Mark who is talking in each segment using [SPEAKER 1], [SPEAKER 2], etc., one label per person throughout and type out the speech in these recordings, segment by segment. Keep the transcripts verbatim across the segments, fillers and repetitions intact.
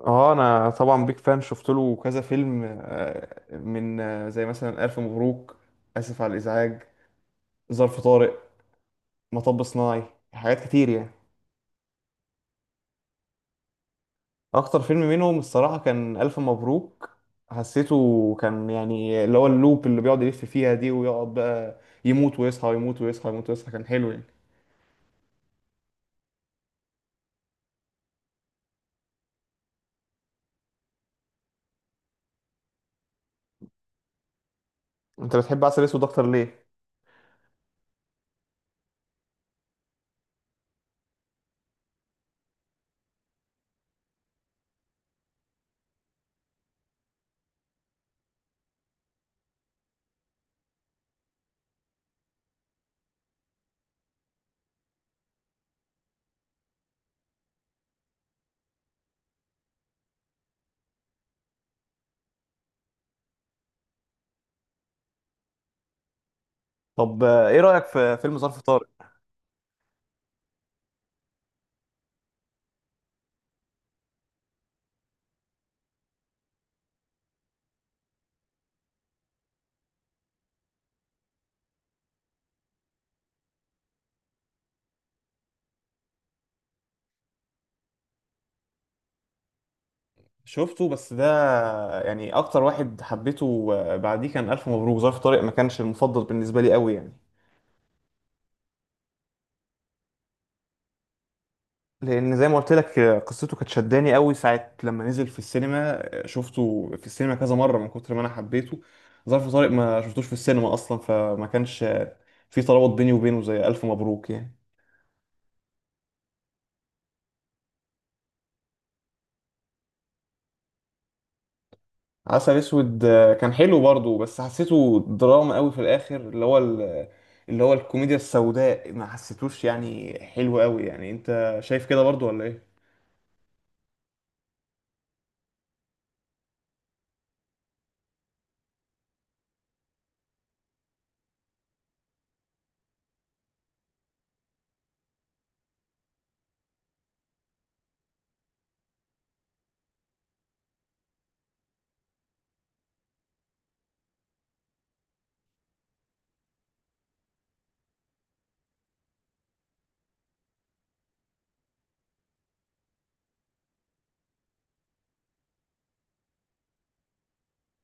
[SPEAKER 1] اه، انا طبعا بيك فان. شفت له كذا فيلم آه، من آه، زي مثلا الف مبروك. اسف على الازعاج. ظرف طارق. مطب صناعي. حاجات كتير يعني. اكتر فيلم منهم الصراحه كان الف مبروك. حسيته كان يعني اللي هو اللوب اللي بيقعد يلف فيها دي، ويقعد بقى يموت ويصحى، يموت ويصحى، يموت ويصحى، كان حلو يعني. انت بتحب عسل اسود اكتر ليه؟ طب آه، ايه رايك في فيلم ظرف طارق؟ شفته، بس ده يعني اكتر واحد حبيته بعديه كان الف مبروك. ظرف طارق ما كانش المفضل بالنسبه لي قوي يعني. لان زي ما قلت لك قصته كانت شداني قوي ساعه لما نزل في السينما، شفته في السينما كذا مره من كتر ما انا حبيته. ظرف طارق ما شفتوش في السينما اصلا، فما كانش في ترابط بيني وبينه زي الف مبروك يعني. عسل اسود كان حلو برضه، بس حسيته دراما قوي في الاخر. اللي هو ال- اللي هو الكوميديا السوداء ما حسيتوش يعني حلو قوي يعني. انت شايف كده برضه ولا ايه؟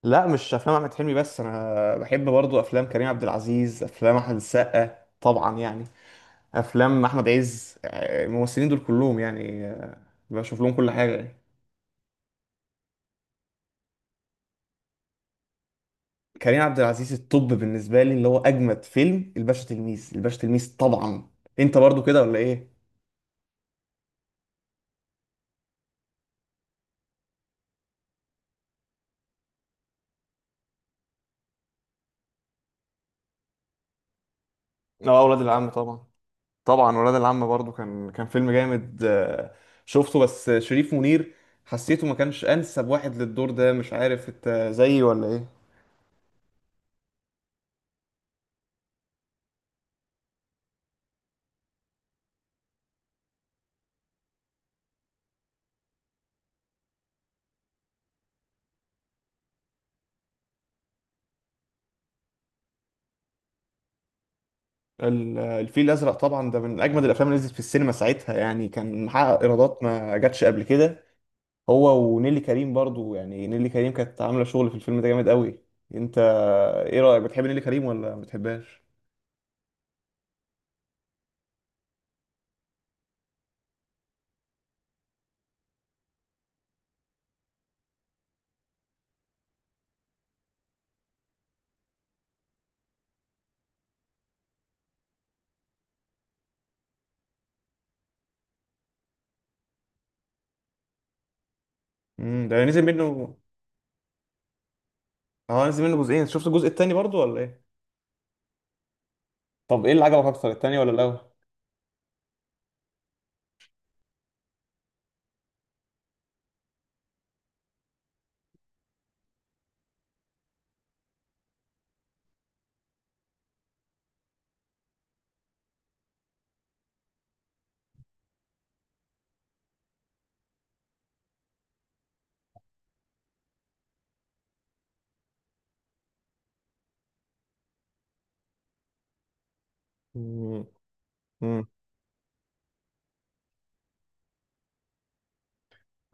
[SPEAKER 1] لا، مش افلام احمد حلمي بس. انا بحب برضو افلام كريم عبد العزيز، افلام احمد السقا طبعا يعني، افلام احمد عز، آه، الممثلين دول كلهم يعني. آه، بشوف لهم كل حاجه يعني. كريم عبد العزيز الطب بالنسبه لي اللي هو اجمد فيلم، الباشا تلميذ، الباشا تلميذ طبعا. انت برضو كده ولا ايه؟ اه، ولاد العم طبعا. طبعا ولاد العم برضو كان كان فيلم جامد. آه، شفته، بس شريف منير حسيته ما كانش انسب واحد للدور ده. مش عارف، انت زيي ولا ايه؟ ال- الفيل الازرق طبعا، ده من اجمد الافلام اللي نزلت في السينما ساعتها يعني. كان محقق ايرادات ما جاتش قبل كده. هو ونيلي كريم برضو، يعني نيلي كريم كانت عامله شغل في الفيلم ده جامد قوي. انت ايه رايك، بتحب نيلي كريم ولا ما بتحبهاش؟ امم ده نزل منه. اه، نزل منه جزئين. شفت الجزء التاني برضو ولا ايه؟ طب ايه اللي عجبك اكتر، التاني ولا الاول؟ امم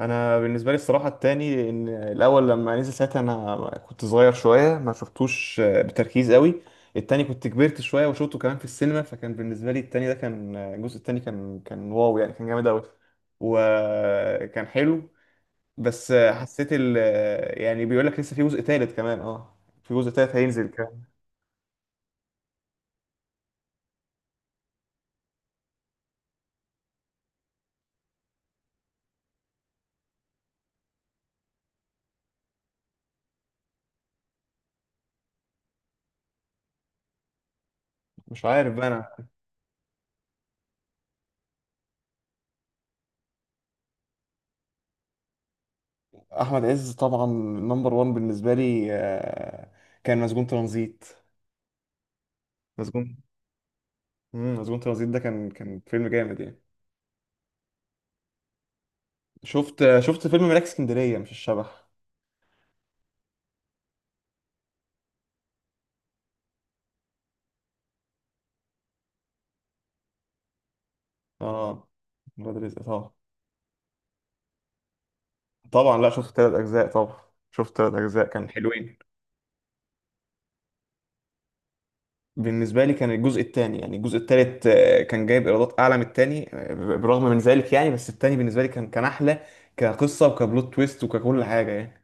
[SPEAKER 1] انا بالنسبه لي الصراحه التاني، لان الاول لما نزل ساعتها انا كنت صغير شويه، ما شفتوش آه، بتركيز قوي. التاني كنت كبرت شويه وشفته كمان في السينما، فكان بالنسبه لي التاني ده كان، آه، الجزء التاني كان كان واو يعني، كان جامد قوي وكان حلو. بس آه، حسيت ال آه، يعني بيقول لك لسه في جزء تالت كمان، اه. في جزء تالت هينزل كمان. مش عارف بقى انا. احمد عز طبعا، نمبر وان بالنسبه لي. آه، كان مسجون ترانزيت. مسجون. مم، مسجون ترانزيت ده كان كان فيلم جامد يعني. شفت شفت فيلم ملاك اسكندرية، مش الشبح. اه، ولاد رزق طبعا. طبعا لا، شفت ثلاث أجزاء طبعا. شفت ثلاث أجزاء، كان حلوين. بالنسبة لي كان الجزء الثاني، يعني الجزء الثالث كان جايب إيرادات أعلى من الثاني آه، برغم من ذلك يعني، بس الثاني بالنسبة لي كان كان أحلى كقصة وكبلوت تويست وككل حاجة يعني.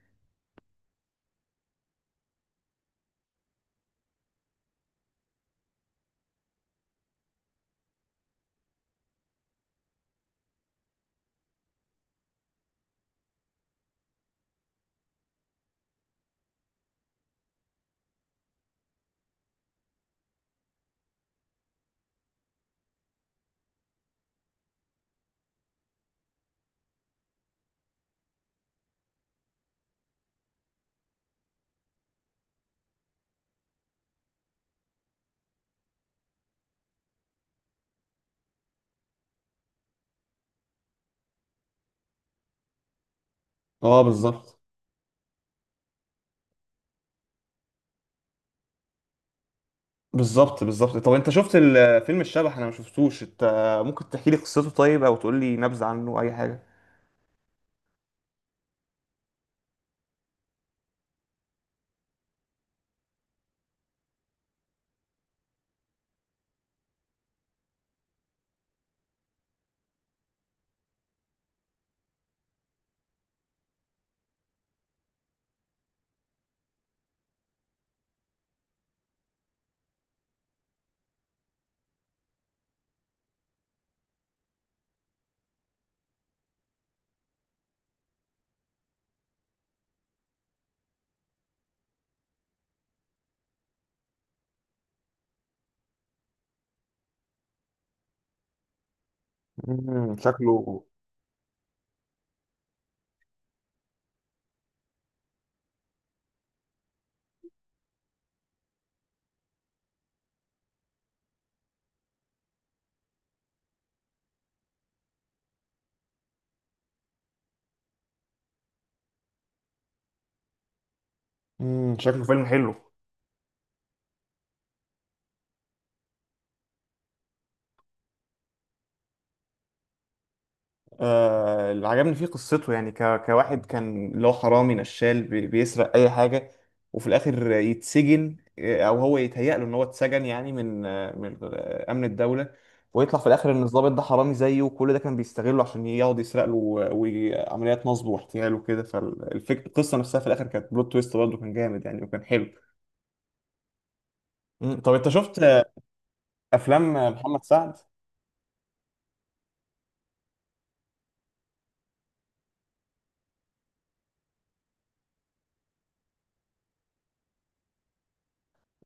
[SPEAKER 1] اه بالظبط. بالظبط، بالظبط. طب انت شفت ال- فيلم الشبح؟ انا ما شفتوش. انت ممكن تحكي لي قصته طيب، او تقول لي نبذة عنه، اي حاجة؟ امم، شكله. امم شكله فيلم حلو. آه، اللي عجبني فيه قصته يعني. ك... كواحد كان اللي هو حرامي نشال، بي... بيسرق اي حاجه. وفي الاخر يتسجن، آه، او هو يتهيأ له ان هو اتسجن، يعني من آه، من آه، امن الدوله. ويطلع في الاخر ان الضابط ده حرامي زيه، وكل ده كان بيستغله عشان يقعد يسرق له، وعمليات نصب واحتيال وكده. فالفكره، القصه نفسها في الاخر كانت بلوت تويست برضه، كان جامد يعني وكان حلو. مم. طب انت شفت آه، افلام آه، محمد سعد؟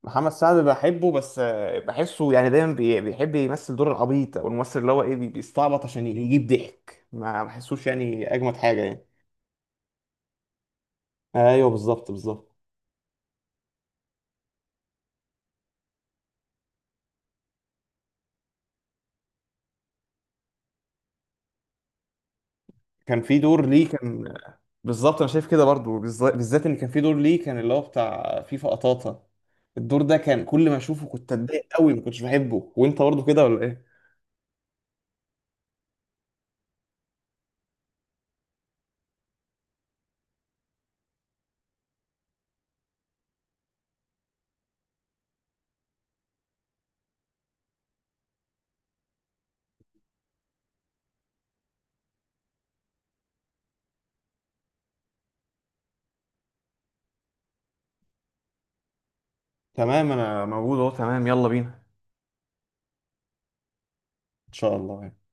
[SPEAKER 1] محمد سعد بحبه، بس آه، بحسه يعني دايما بي- بيحب يمثل دور العبيط، او الممثل اللي هو ايه، بي- بيستعبط عشان يجيب ضحك. ما بحسوش يعني اجمد حاجه يعني. ايوه بالظبط، بالظبط. كان في دور ليه كان. بالظبط، انا شايف كده برضو، بالز- بالذات ان كان في دور ليه كان، اللي هو بتاع فيفا قطاطا. الدور ده كان كل ما اشوفه كنت اتضايق قوي، ما كنتش بحبه. وانت برضو كده ولا ايه؟ تمام، انا موجود اهو. تمام، يلا بينا. ان شاء الله يعني.